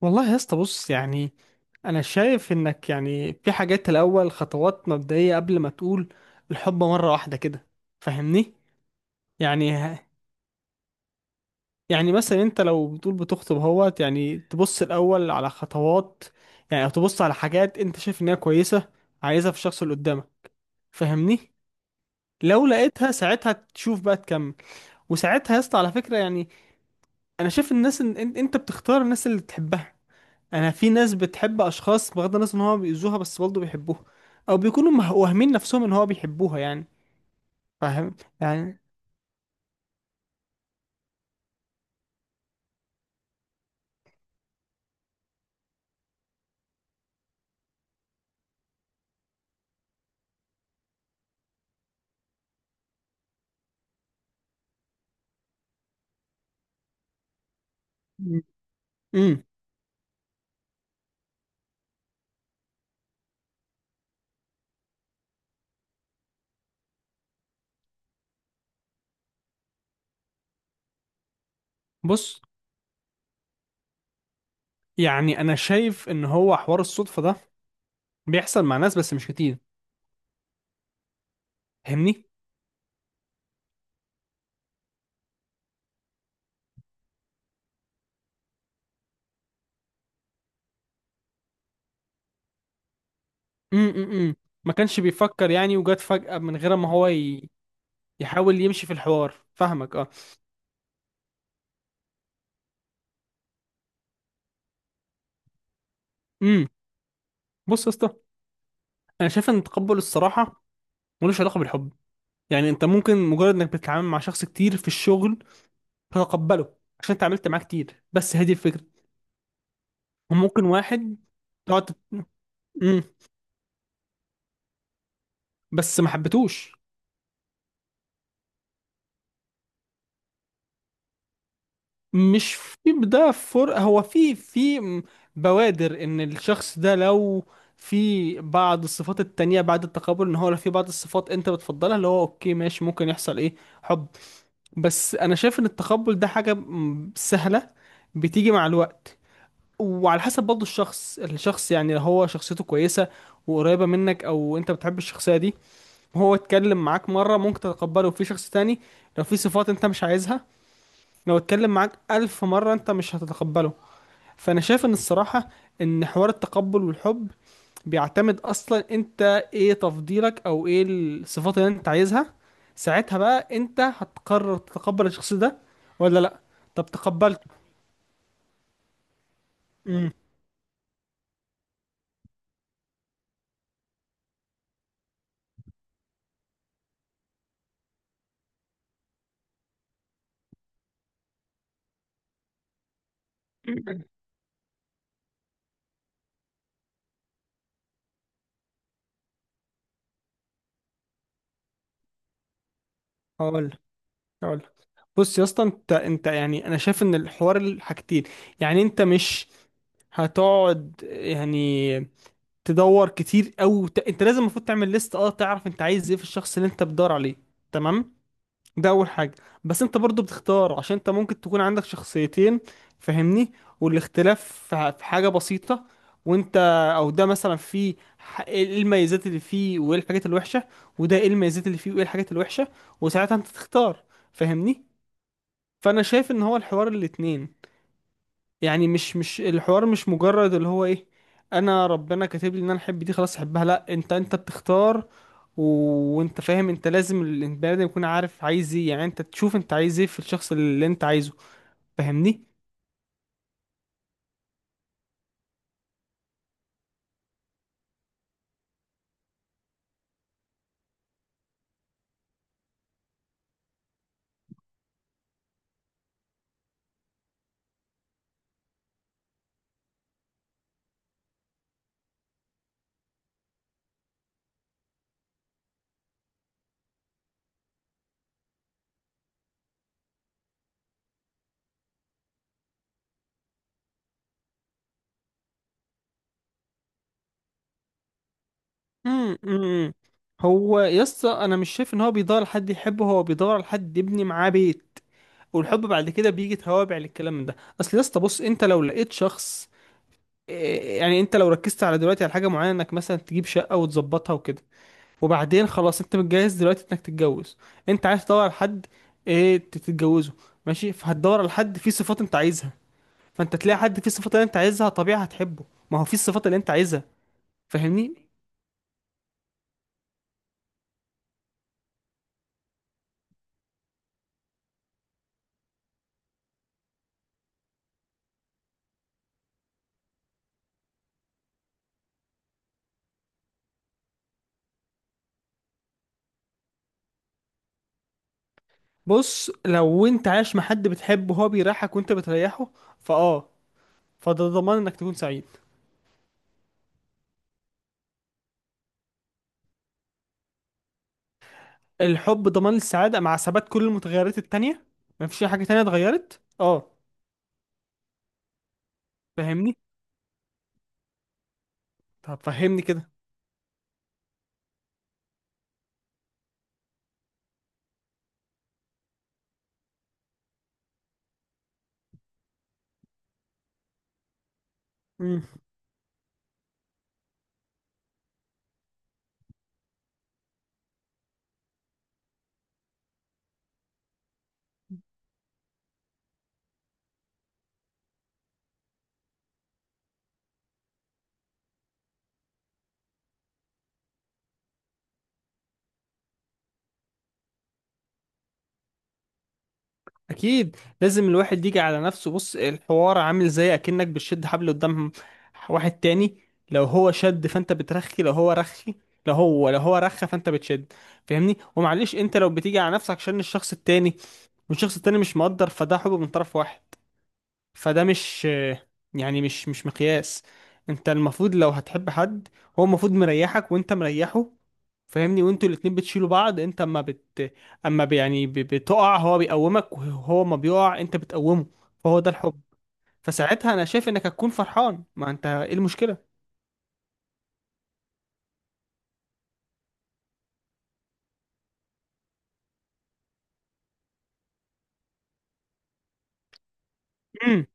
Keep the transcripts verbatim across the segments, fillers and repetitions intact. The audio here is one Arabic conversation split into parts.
والله يا اسطى، بص، يعني انا شايف انك يعني في حاجات الاول خطوات مبدئيه قبل ما تقول الحب مره واحده كده. فاهمني؟ يعني يعني، مثلا انت لو بتقول بتخطب اهوت، يعني تبص الاول على خطوات، يعني او تبص على حاجات انت شايف انها كويسه عايزها في الشخص اللي قدامك. فاهمني؟ لو لقيتها ساعتها تشوف بقى تكمل. وساعتها يا اسطى على فكره، يعني انا شايف الناس ان إن- انت بتختار الناس اللي تحبها. انا في ناس بتحب اشخاص بغض النظر ان هو بيأذوها بس برضه بيحبوها، او بيكونوا مه- واهمين نفسهم ان هو بيحبوها يعني. فاهم؟ يعني. امم. بص، يعني انا شايف ان هو حوار الصدفة ده بيحصل مع ناس بس مش كتير. فاهمني؟ امم. ما كانش بيفكر يعني وجات فجأة من غير ما هو ي... يحاول يمشي في الحوار، فاهمك؟ اه. امم. بص يا اسطى، انا شايف ان تقبل الصراحة ملوش علاقة بالحب. يعني انت ممكن مجرد انك بتتعامل مع شخص كتير في الشغل هتقبله عشان اتعاملت معاه كتير، بس هذه الفكرة. وممكن واحد تقعد تت- مم. بس ما حبيتوش. مش في. ده فر، هو في في بوادر ان الشخص ده لو في بعض الصفات التانية بعد التقابل، ان هو لو في بعض الصفات انت بتفضلها، اللي هو اوكي ماشي، ممكن يحصل ايه؟ حب. بس انا شايف ان التقبل ده حاجة مم، سهلة، بتيجي مع الوقت. وعلى حسب برضه الشخص الشخص، يعني لو هو شخصيته كويسة وقريبة منك او انت بتحب الشخصية دي، هو اتكلم معاك مرة ممكن تتقبله. في شخص تاني لو في صفات انت مش عايزها، لو اتكلم معاك ألف مرة انت مش هتتقبله. فأنا شايف ان الصراحة ان حوار التقبل والحب بيعتمد أصلا انت ايه تفضيلك، او ايه الصفات اللي انت عايزها. ساعتها بقى انت هتقرر تتقبل الشخص ده ولا لأ. طب تقبلته. امم. هقول هقول بص يا اسطى، انت انت يعني انا شايف ان الحوار الحاجتين. يعني انت مش هتقعد يعني تدور كتير أوي، ت... انت لازم المفروض تعمل ليست اه، تعرف انت عايز ايه في الشخص اللي انت بتدور عليه. تمام؟ ده اول حاجه. بس انت برضو بتختار، عشان انت ممكن تكون عندك شخصيتين، فاهمني؟ والاختلاف في ح- في حاجه بسيطه، وانت، او ده مثلا فيه ح- ايه الميزات اللي فيه وايه الحاجات الوحشه، وده ايه الميزات اللي فيه وايه الحاجات الوحشه، وساعتها انت تختار. فاهمني؟ فانا شايف ان هو الحوار الاتنين. يعني مش مش الحوار مش مجرد اللي هو ايه، انا ربنا كاتب لي ان انا احب دي خلاص احبها. لا، انت انت بتختار. و... وانت فاهم، انت لازم ال- البني ادم يكون عارف عايز ايه. يعني انت تشوف انت عايز ايه في الشخص اللي انت عايزه. فاهمني؟ امم. أمم. هو يسطا، انا مش شايف ان هو بيدور على حد يحبه، هو بيدور على حد يبني معاه بيت. والحب بعد كده بيجي توابع للكلام ده. اصل يسطا بص، انت لو لقيت شخص إيه، يعني انت لو ركزت على دلوقتي على حاجه معينه انك مثلا تجيب شقه وتظبطها وكده، وبعدين خلاص انت متجهز دلوقتي انك تتجوز، انت عايز تدور على حد ايه ت- تتجوزه. ماشي، فهتدور على حد فيه صفات انت عايزها، فانت تلاقي حد فيه الصفات اللي انت عايزها، طبيعي هتحبه. ما هو فيه الصفات اللي انت عايزها. فاهمني؟ بص، لو انت عايش مع حد بتحبه وهو بيريحك وانت بتريحه، فاه فده ضمان انك تكون سعيد. الحب ضمان السعادة مع ثبات كل المتغيرات التانية. مفيش اي حاجة تانية اتغيرت، اه. فاهمني؟ طب فهمني كده. اكيد لازم الواحد يجي على نفسه. بص، الحوار عامل زي اكنك بتشد حبل قدام واحد تاني. لو هو شد فانت بترخي، لو هو رخي، لو هو لو هو رخى فانت بتشد. فاهمني؟ ومعلش انت لو بتيجي على نفسك عشان الشخص التاني والشخص التاني مش مقدر، فده حب من طرف واحد. فده مش يعني، مش مش مقياس. انت المفروض لو هتحب حد، هو المفروض مريحك وانت مريحه. فاهمني؟ وانتوا الاتنين بتشيلوا بعض. انت اما بت اما ب- يعني ب- بتقع هو بيقومك، وهو ما بيقع انت بتقومه. فهو ده الحب. فساعتها انا شايف انك هتكون فرحان. ما انت ايه المشكلة؟ امم.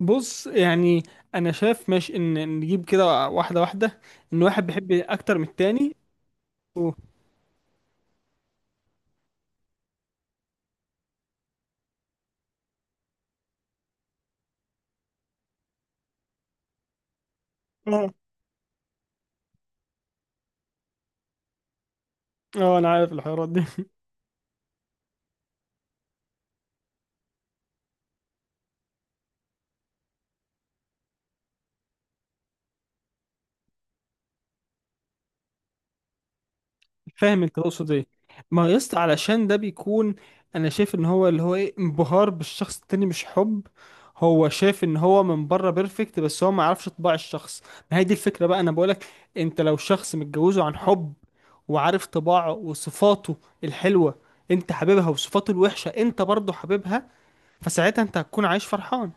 بص، يعني انا شايف ماشي، ان نجيب كده واحدة واحدة ان واحد بيحب اكتر من التاني. و... اه، اه، انا عارف الحوارات دي. فاهم انت تقصد ايه. ما يا اسطى علشان ده بيكون، انا شايف ان هو اللي هو ايه، انبهار بالشخص التاني مش حب. هو شايف ان هو من بره بيرفكت بس هو ما يعرفش طباع الشخص. ما هي دي الفكره بقى انا بقولك، انت لو شخص متجوزه عن حب وعارف طباعه وصفاته الحلوه انت حاببها وصفاته الوحشه انت برضه حاببها، فساعتها انت هتكون عايش فرحان.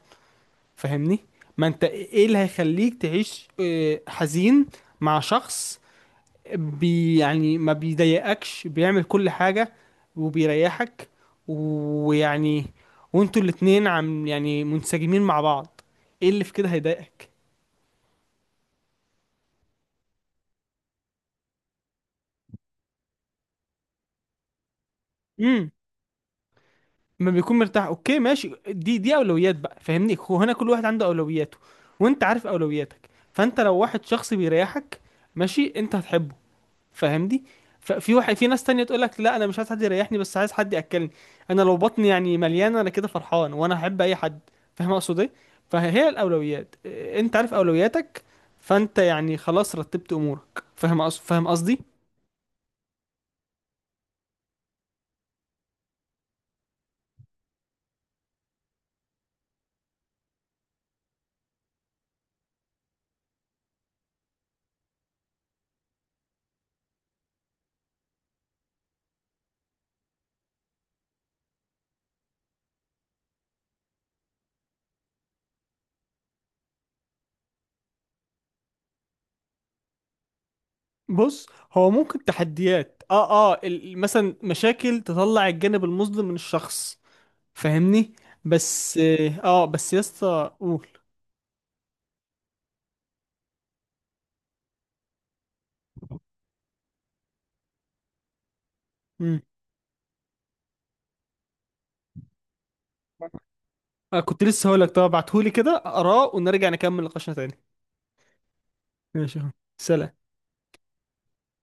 فاهمني؟ ما انت ايه اللي هيخليك تعيش اه، حزين مع شخص بي يعني ما بيضايقكش، بيعمل كل حاجة وبيريحك، ويعني وانتوا الاتنين عم يعني منسجمين مع بعض. ايه اللي في كده هيضايقك؟ امم. ما بيكون مرتاح اوكي ماشي، دي دي اولويات بقى. فاهمني؟ هو هنا كل واحد عنده اولوياته. وانت عارف اولوياتك. فانت لو واحد شخص بيريحك ماشي، انت هتحبه. فاهمني؟ ففي واحد، في ناس تانية تقول لك لا انا مش عايز حد يريحني بس عايز حد ياكلني. انا لو بطني يعني مليانه انا كده فرحان، وانا احب اي حد. فاهم اقصد ايه؟ فهي الاولويات إيه، انت عارف اولوياتك. فانت يعني خلاص رتبت امورك. فاهم أقصد؟ فاهم قصدي؟ بص، هو ممكن تحديات اه، اه، ال- مثلا مشاكل تطلع الجانب المظلم من الشخص. فاهمني؟ بس اه، آه، بس يا اسطى قول. مم. آه، كنت لسه هقول لك طب ابعتهولي كده اقراه، ونرجع نكمل نقاشنا تاني. ماشي. سلام.